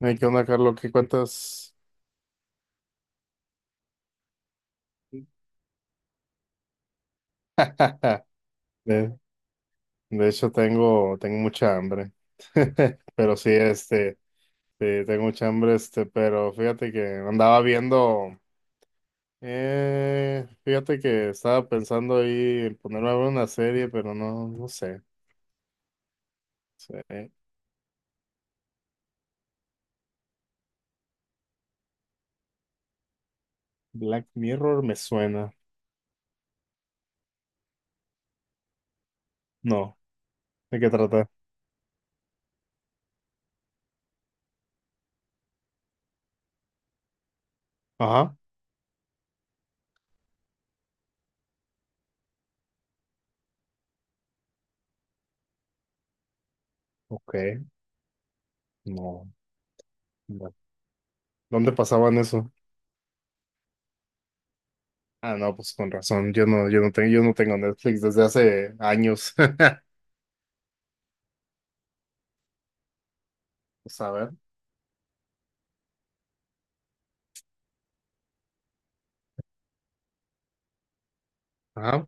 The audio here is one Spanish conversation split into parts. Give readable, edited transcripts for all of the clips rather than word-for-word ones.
Hey, ¿qué onda, Carlos? ¿Qué cuentas? De, de hecho, tengo mucha hambre. Pero sí, sí, tengo mucha hambre, pero fíjate que andaba viendo, fíjate que estaba pensando ahí en ponerme a ver una serie, pero no sé. Sí, Black Mirror me suena. No, ¿de qué trata? Ajá, ok, no. No. ¿Dónde pasaban eso? Ah, no, pues con razón. Yo no tengo Netflix desde hace años. Pues a ver. Ajá,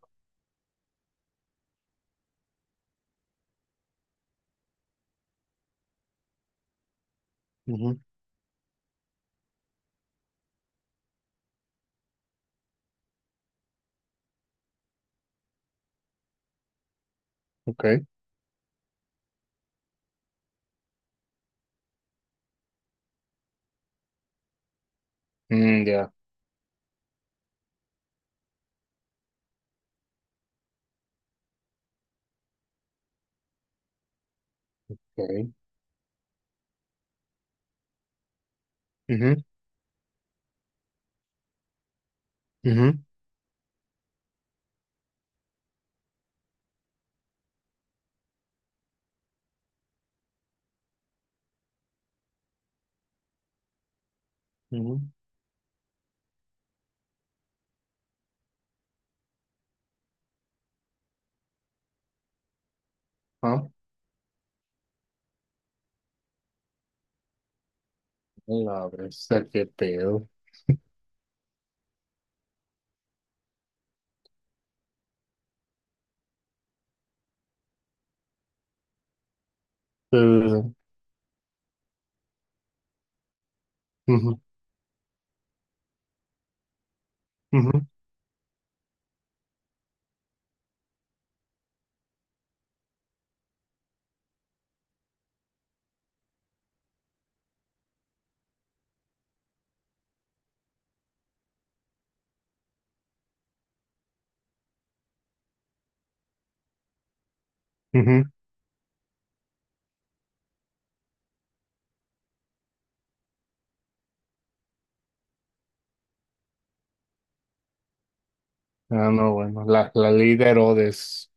ujú, ok. Mm, ya. Ok. Ujú, ujú, ujú. Ah, la bestia, qué pedo. Eh, ujú, ujú, ujú. Ah, no, bueno. La ley de Herodes.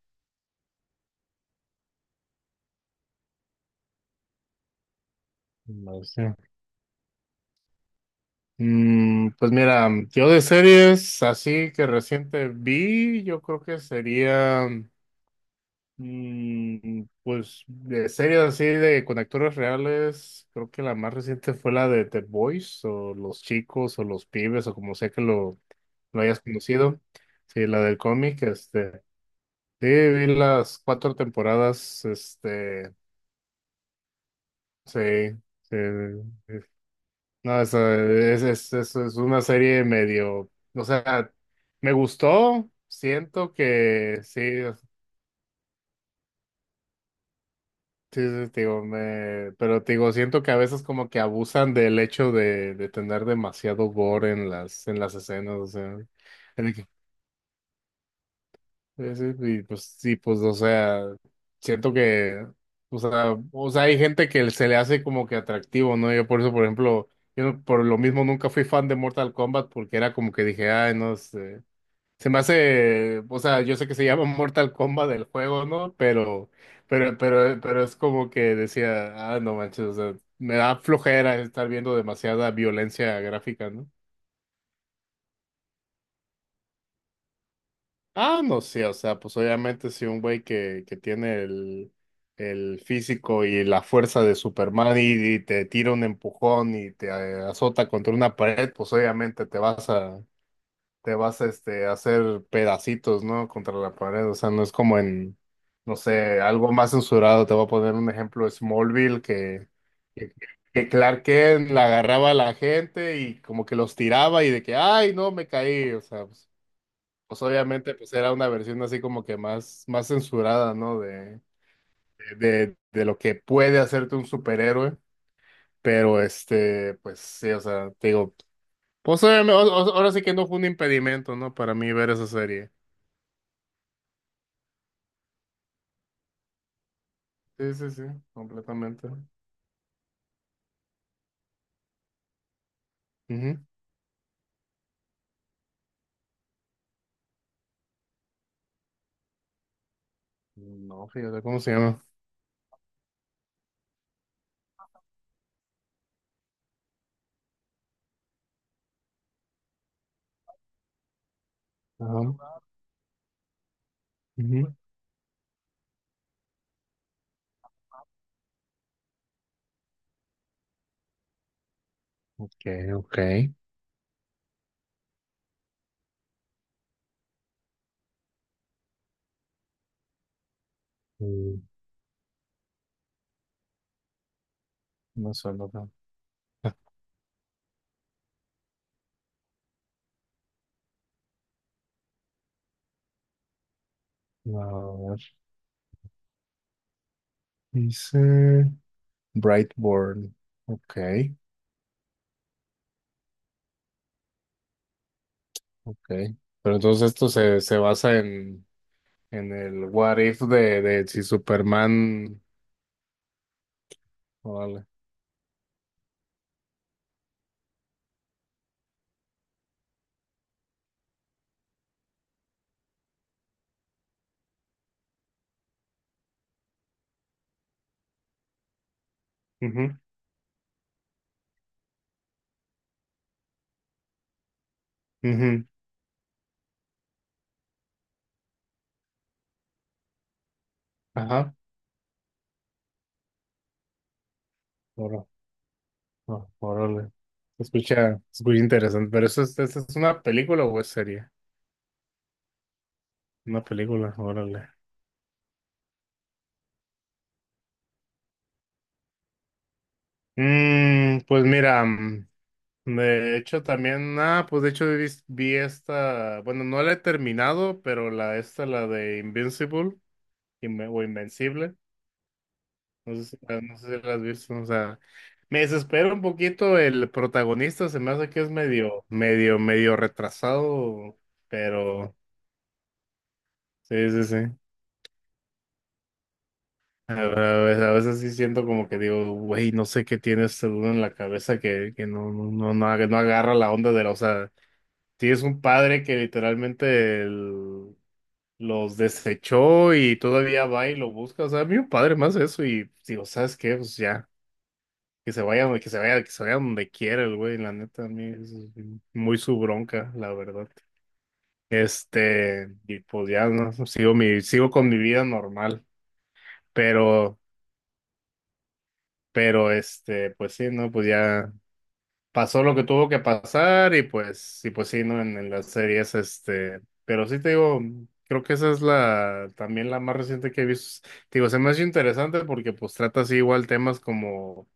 Bestia. Mm, pues mira, yo de series así que reciente vi, yo creo que sería. Mm, pues de series así de con actores reales, creo que la más reciente fue la de The Boys o Los Chicos o Los Pibes o como sea que lo hayas conocido. Sí, la del cómic, sí, vi las cuatro temporadas, sí, sí, es- no, esa es una serie medio, o sea, me gustó, siento que sí. Sí, sí, sí, te digo, me... pero te digo, siento que a veces como que abusan del hecho de tener demasiado gore en en las escenas, o sea, en el que- sí, sí, y pues sí, pues, o sea, siento que, o sea, hay gente que se le hace como que atractivo, ¿no? Yo por eso, por ejemplo, yo no- por lo mismo nunca fui fan de Mortal Kombat porque era como que dije, ay, no sé. Se me hace, o sea, yo sé que se llama Mortal Kombat del juego, ¿no? Pero es como que decía, ah, no manches, o sea, me da flojera estar viendo demasiada violencia gráfica, ¿no? Ah, no sé, o sea, pues obviamente si un güey que tiene el físico y la fuerza de Superman y te tira un empujón y te azota contra una pared, pues obviamente te vas a a hacer pedacitos, ¿no? Contra la pared, o sea, no es como en, no sé, algo más censurado, te voy a poner un ejemplo, Smallville, que, que Clark Kent la agarraba a la gente y como que los tiraba y de que, ay, no, me caí, o sea, pues, pues obviamente pues era una versión así como que más, más censurada, ¿no? De, de lo que puede hacerte un superhéroe, pero pues sí, o sea, te digo, pues obviamente, ahora sí que no fue un impedimento, ¿no? Para mí ver esa serie. Sí, sí, sí, completamente. Ujú. No, fíjate cómo se llama. Ajá. Ujú. Ok, ok. Mm, no suena tan. A ver, dice Brightborn. Ok, ok. Pero entonces esto se, se basa en el what if de si Superman. Órale. Ujú, ujú. Ajá. Ora- Órale. Se escucha, se escucha interesante. Pero eso es, ¿esa es una película o es serie? Una película, órale. Mm, pues mira, mm, de hecho también, ah, pues de hecho vi, vi esta, bueno, no la he terminado, pero la esta, la de Invincible, o Invencible, no sé si, no sé si la has visto, o sea, me desespera un poquito el protagonista, se me hace que es medio retrasado, pero sí, sí, sí. A ver, a veces sí siento como que digo, güey, no sé qué tiene este dude en la cabeza que no no agarra la onda de la. Tienes un padre que literalmente los desechó y todavía va y lo busca. O sea, a mí un padre más eso y digo, ¿sabes qué? Pues ya, que se vaya donde quiera el güey, la neta, a mí eso es muy su bronca, la verdad. Este, y pues ya, ¿no? Sigo mi, sigo con mi vida normal, pero, pero este, pues sí, no, pues ya. Pasó lo que tuvo que pasar y pues sí, ¿no? En las series, este, pero sí te digo, creo que esa es la, también la más reciente que he visto. Te digo, se me hace interesante porque pues trata así igual temas como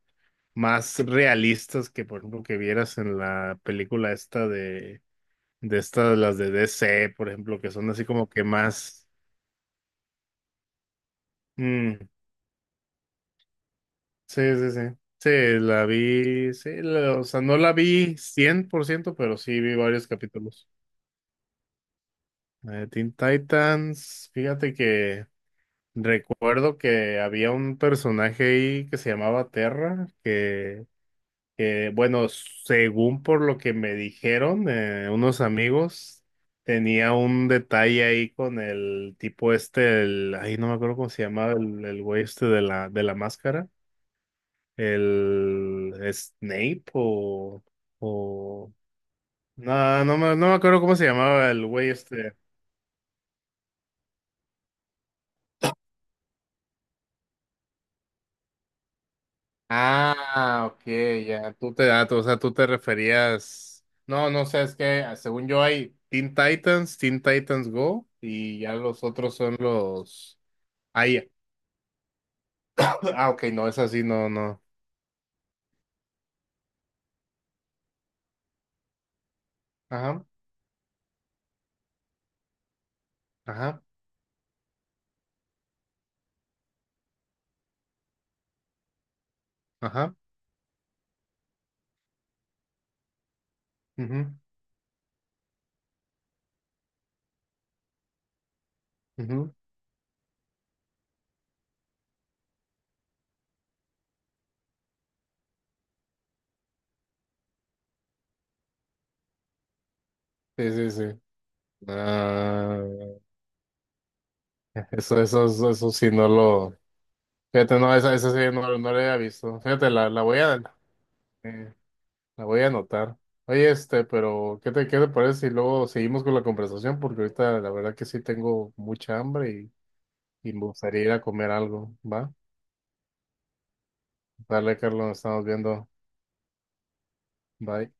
más realistas que, por ejemplo, que vieras en la película esta de estas, las de DC, por ejemplo, que son así como que más, mm, sí, sí, sí. Sí, la vi, sí, o sea, no la vi 100% pero sí vi varios capítulos. La de Teen Titans, fíjate que recuerdo que había un personaje ahí que se llamaba Terra, que, bueno, según por lo que me dijeron unos amigos, tenía un detalle ahí con el tipo este, el, ahí no me acuerdo cómo se llamaba el güey este de de la máscara, el Snape o, no, no me, no me acuerdo cómo se llamaba el güey este. Ah, ok, ya, tú te, ah, tú- o sea, tú te referías, no, no sé, es que ah, según yo hay Teen Titans, Teen Titans Go, y ya los otros son los, ahí, ah, ok, no, es así, no, no, ajá, ajá, ajá, ujú, ujú, sí, sí, sí, ah, eso sí, no lo, fíjate, no, esa sí, no, no la había visto, fíjate, la voy a, eh, la voy a anotar. Oye, este, pero qué te parece si luego seguimos con la conversación? Porque ahorita la verdad que sí tengo mucha hambre y me gustaría ir a comer algo, ¿va? Dale, Carlos, nos estamos viendo. Bye.